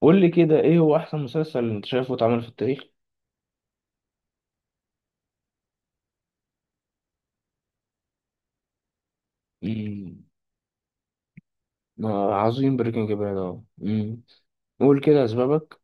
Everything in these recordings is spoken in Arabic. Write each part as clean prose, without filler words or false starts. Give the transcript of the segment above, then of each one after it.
قول لي كده، ايه هو احسن مسلسل انت شايفه اتعمل في التاريخ؟ مم. عظيم بريكنج باد قول كده اسبابك.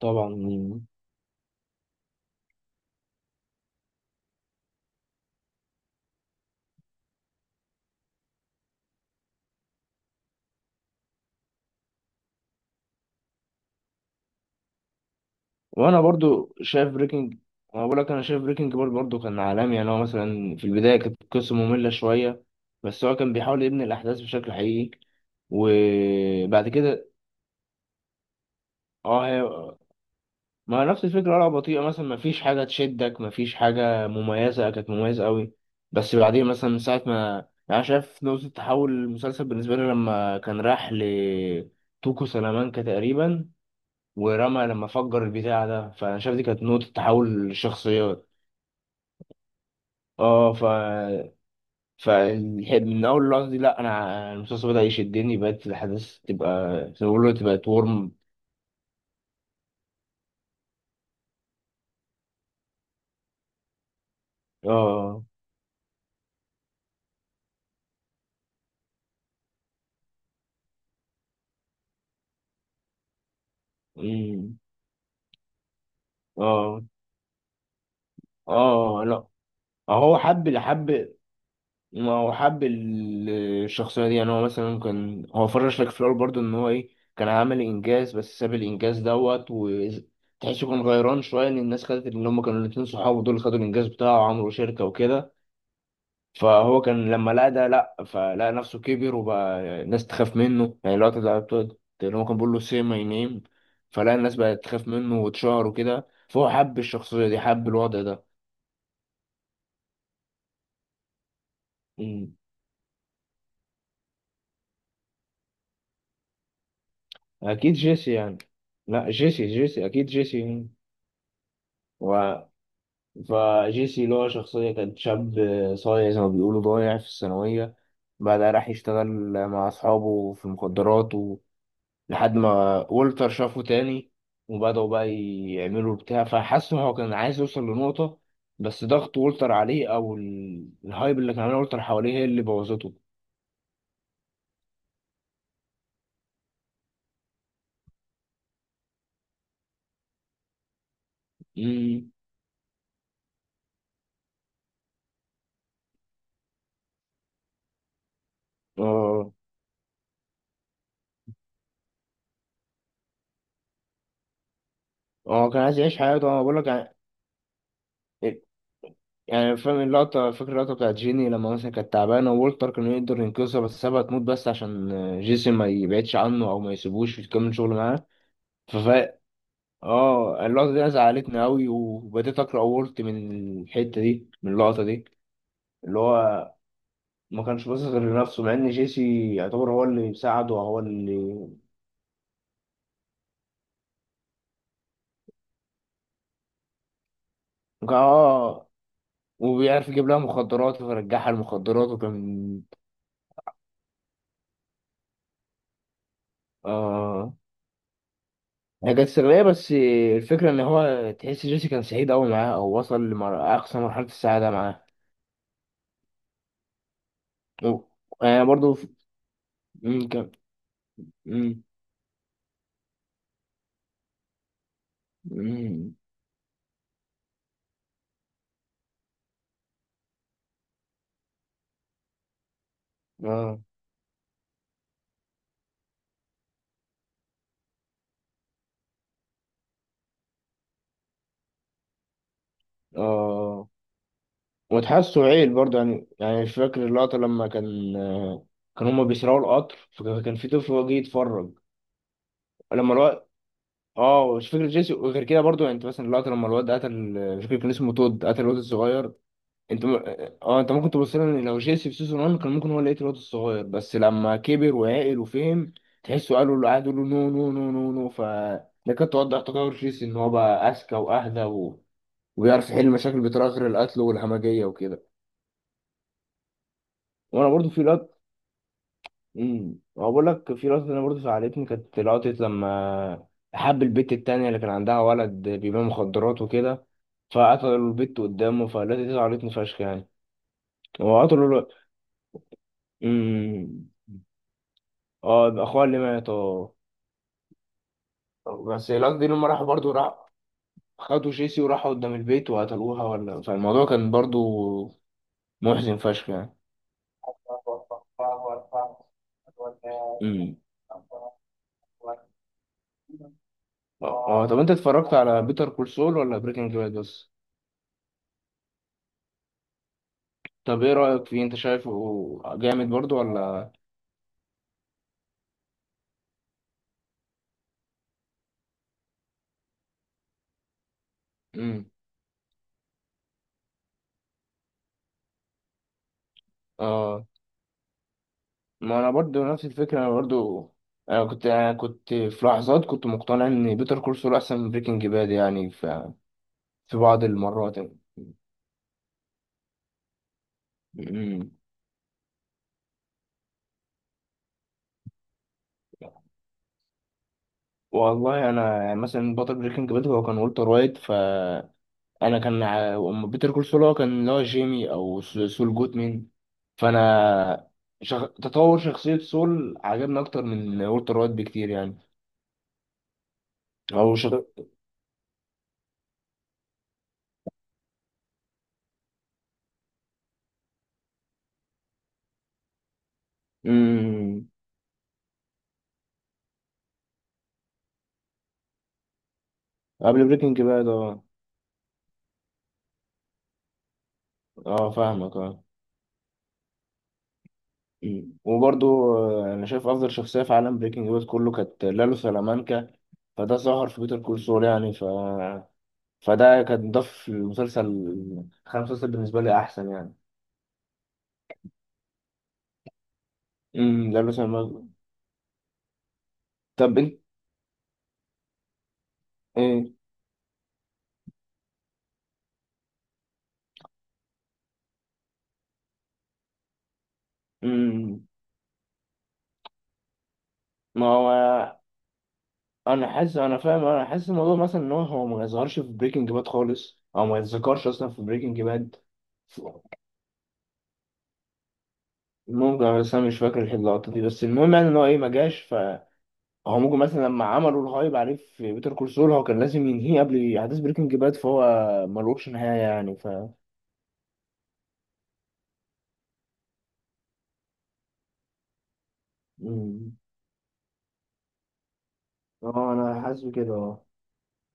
طبعا. وانا برضو شايف بريكنج انا بقول لك، انا شايف بريكنج باد برضو كان عالمي، يعني هو مثلا في البدايه كانت القصه ممله شويه، بس هو كان بيحاول يبني الاحداث بشكل حقيقي. وبعد كده اه هي ما نفس الفكرة، قلعة بطيئة مثلا، ما فيش حاجة تشدك، ما فيش حاجة مميزة كانت مميزة قوي. بس بعدين مثلا من ساعة ما، يعني أنا شايف نقطة تحول المسلسل بالنسبة لي لما كان راح لتوكو سلامانكا تقريبا ورمى لما فجر البتاع ده، فأنا شايف دي كانت نقطة تحول الشخصيات. اه ف ف من أول اللحظة دي، لأ أنا المسلسل بدأ يشدني، بقت الأحداث تبقى زي ما بيقولوا تبقى ورم. اه أمم. اه اه لأ. هو حب اللي حب ما هو حب ال- الشخصية دي، يعني هو مثلا كان هو فرش لك في الأول برضه إن هو إيه، كان عامل إنجاز بس ساب الإنجاز دوت، وتحسه كان غيران شوية إن الناس خدت اللي هما كانوا الاتنين صحابه دول خدوا الإنجاز بتاعه وعملوا شركة وكده. فهو كان لما لقى ده لأ، فلقى نفسه كبر وبقى الناس تخاف منه، يعني الوقت ده اللي هو كان بيقول له سي ماي نيم، فلقى الناس بقت تخاف منه واتشهر وكده، فهو حب الشخصية دي، حب الوضع ده. مم. أكيد جيسي يعني. لأ، جيسي أكيد جيسي يعني. و فجيسي اللي هو شخصية كان شاب صايع زي ما بيقولوا، ضايع في الثانوية، بعدها راح يشتغل مع أصحابه في المخدرات و... لحد ما والتر شافه تاني وبدأوا بقى يعملوا بتاع، فحس إن هو كان عايز يوصل لنقطة، بس ضغط والتر عليه أو الهايب اللي كان عامله والتر حواليه هي اللي بوظته. امم اه هو كان عايز يعيش حياته، أنا بقول لك يعني. يعني فاهم اللقطة، فاكر اللقطة بتاعت جيني لما مثلا كانت تعبانة، وولتر كان يقدر ينقذها بس سابها تموت، بس عشان جيسون ما يبعدش عنه أو ما يسيبوش يكمل شغل معاه. ففا اه اللقطة دي أنا زعلتني أوي، وبديت أقرأ وولت من الحتة دي، من اللقطة دي اللي هو ما كانش باصص غير لنفسه، مع إن جيسي يعتبر هو اللي بيساعده وهو اللي كان- اه وبيعرف يجيب لها مخدرات، فرجعها المخدرات وكان اه هي كانت استغلالية، بس الفكرة إن هو تحس جيسي كان سعيد أوي معاه، أو وصل لأقصى مرحلة السعادة معاه. و- أنا برضو ف- مم، كان مم، مم، آه آه وتحسه عيل برضو يعني، يعني مش فاكر اللقطة لما كان كان هما بيسرقوا القطر، فكان في طفل هو جه يتفرج لما الواد. اه مش فاكر جيسي، وغير كده برضو يعني انت مثلا اللقطة لما الواد قتل، مش فاكر كان اسمه تود، قتل الواد الصغير. انت م... اه انت ممكن تبص لها ان لو جيسي في سيزون 1 كان ممكن هو اللي يقتل الواد الصغير، بس لما كبر وعقل وفهم تحسه قالوا له، قعدوا له نو نو نو نو نو. ده كانت توضح تطور جيسي، ان هو بقى اذكى واهدى و... وبيعرف يحل المشاكل بطريقه غير القتل والهمجيه وكده. وانا برضو في لقطه، هو بقول لك في لقطه انا برضو زعلتني، كانت لقطه لما حب البت التانية اللي كان عندها ولد بيبيع مخدرات وكده، فقتلوا البت قدامه، فالتي دي زعلتني فشخ يعني. قتلوا الولد. اه، يبقى اخوها اللي مات. اه بس الواد دي لما راحوا برضو، راح خدوا جيسي وراحوا قدام البيت وقتلوها ولا، فالموضوع كان برضو محزن فشخ يعني. امم اه طب انت اتفرجت على بيتر كول سول ولا بريكنج باد بس؟ طب ايه رأيك فيه، انت شايفه جامد برضو ولا؟ امم اه ما انا برضو نفس الفكرة. انا برضو، انا كنت في لحظات كنت مقتنع ان بيتر كول سول احسن من بريكنج باد يعني، في بعض المرات يعني. أمم. والله انا يعني مثلا، بطل بريكنج باد هو كان والتر وايت، أما بيتر كول سول هو كان اللي هو جيمي او سول جودمان، فانا تطور شخصية سول عجبني اكتر من والتر وايت بكتير يعني. او شخ... أمم. قبل بريكنج باد. اه اه فاهمك. اه أمم. وبرضو انا شايف افضل شخصية في عالم بريكنج باد كله كانت لالو سلامانكا، فده ظهر في بيتر كول سول يعني. فده كان ضاف المسلسل، خلى المسلسل بالنسبة لي أحسن يعني. لا بس أنا- طب أنت إيه؟ امم ما هو أنا حاسس الموضوع مثلا، إن هو ما يظهرش في بريكنج باد خالص، أو ما يتذكرش أصلا في بريكنج باد. ممكن، بس أنا مش فاكر اللقطة دي. بس المهم يعني إن هو إيه، ما جاش، فهو ممكن مثلا لما عملوا الهايب عليه في بيتر كورسول هو كان لازم ينهيه قبل أحداث بريكنج باد، فهو ملوش نهاية يعني. امم اه أنا حاسس بكده.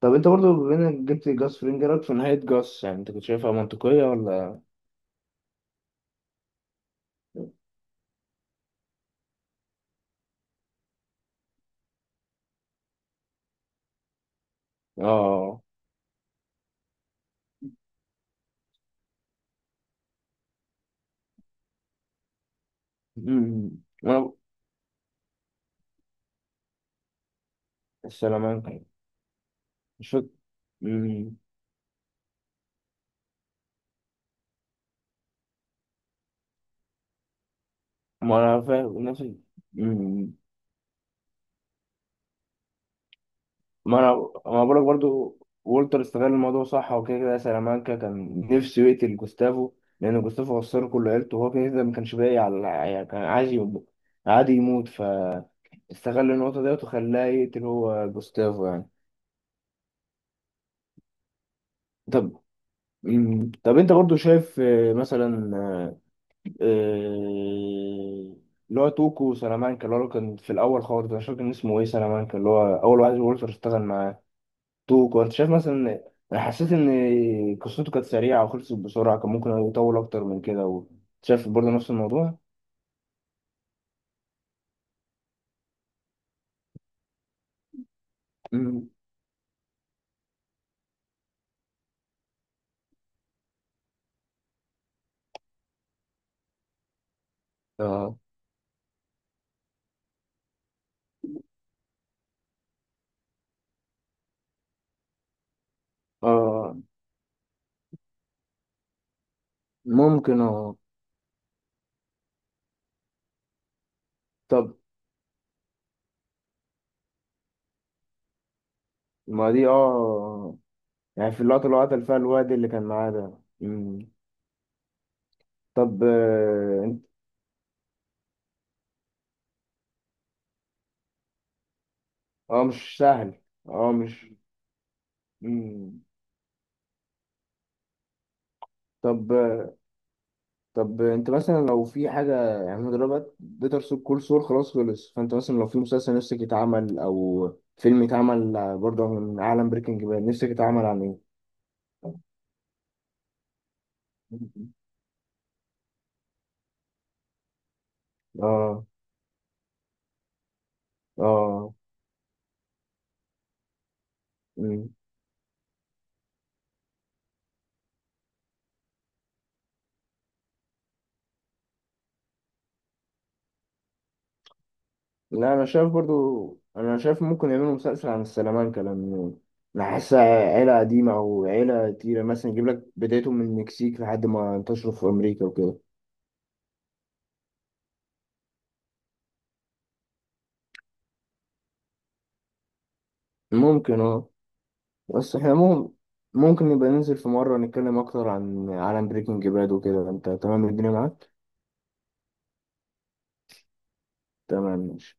طب انت برضو بما انك جبت جاس فرينج، إيه رأيك في نهاية جاس؟ يعني انت كنت شايفها منطقية ولا؟ اه أمم. وانا السلامانكا مش فاكر. أمم. ما انا فاهم نفسي. أمم. ما انا ما بقولك برضو، وولتر استغل الموضوع صح، وكده كده سلامانكا كان نفسه يقتل جوستافو، لان جوستافو خسر كل عيلته وهو كده كده ما كانش باقي على، يعني كان عايز عادي يموت، فاستغل النقطة ديت وخلاه يقتل هو جوستافو يعني. طب طب انت برضو شايف، مثلا آه، اللي هو توكو سلامانكا، اللي هو كان في الاول خالص، انا مش فاكر كان اسمه ايه، سلامانكا اللي هو اول واحد وولفر اشتغل معاه. توكو، انت شايف مثلا، انا حسيت ان قصته كانت سريعه وخلصت بسرعه، كان ممكن يطول اكتر من كده. شايف برضو نفس الموضوع؟ مم. اه اه ممكن. اه طب ما دي، يعني في اللقطه اللي هو قتل فيها الواد اللي كان معاه ده. مم. طب اه مش سهل. اه مش مم. طب انت مثلا لو في حاجه يعني، أنا دلوقتي بيتر سول كول سول خلاص خلص، فانت مثلا لو في مسلسل نفسك يتعمل او فيلم يتعمل برضه من عالم بريكنج باد، نفسك يتعمل عن ايه؟ اه اه مم. لا انا شايف برضو، انا شايف ممكن يعملوا مسلسل عن السلامانكا، لان انا حاسسها عيله قديمه او عيله تقيله، مثلا يجيب لك بدايتهم من المكسيك لحد ما انتشروا في امريكا وكده. ممكن. اه بس احنا مهم ممكن نبقى ننزل في مرة نتكلم أكتر عن عالم بريكنج باد وكده. أنت تمام، الدنيا معاك؟ تمام، ماشي.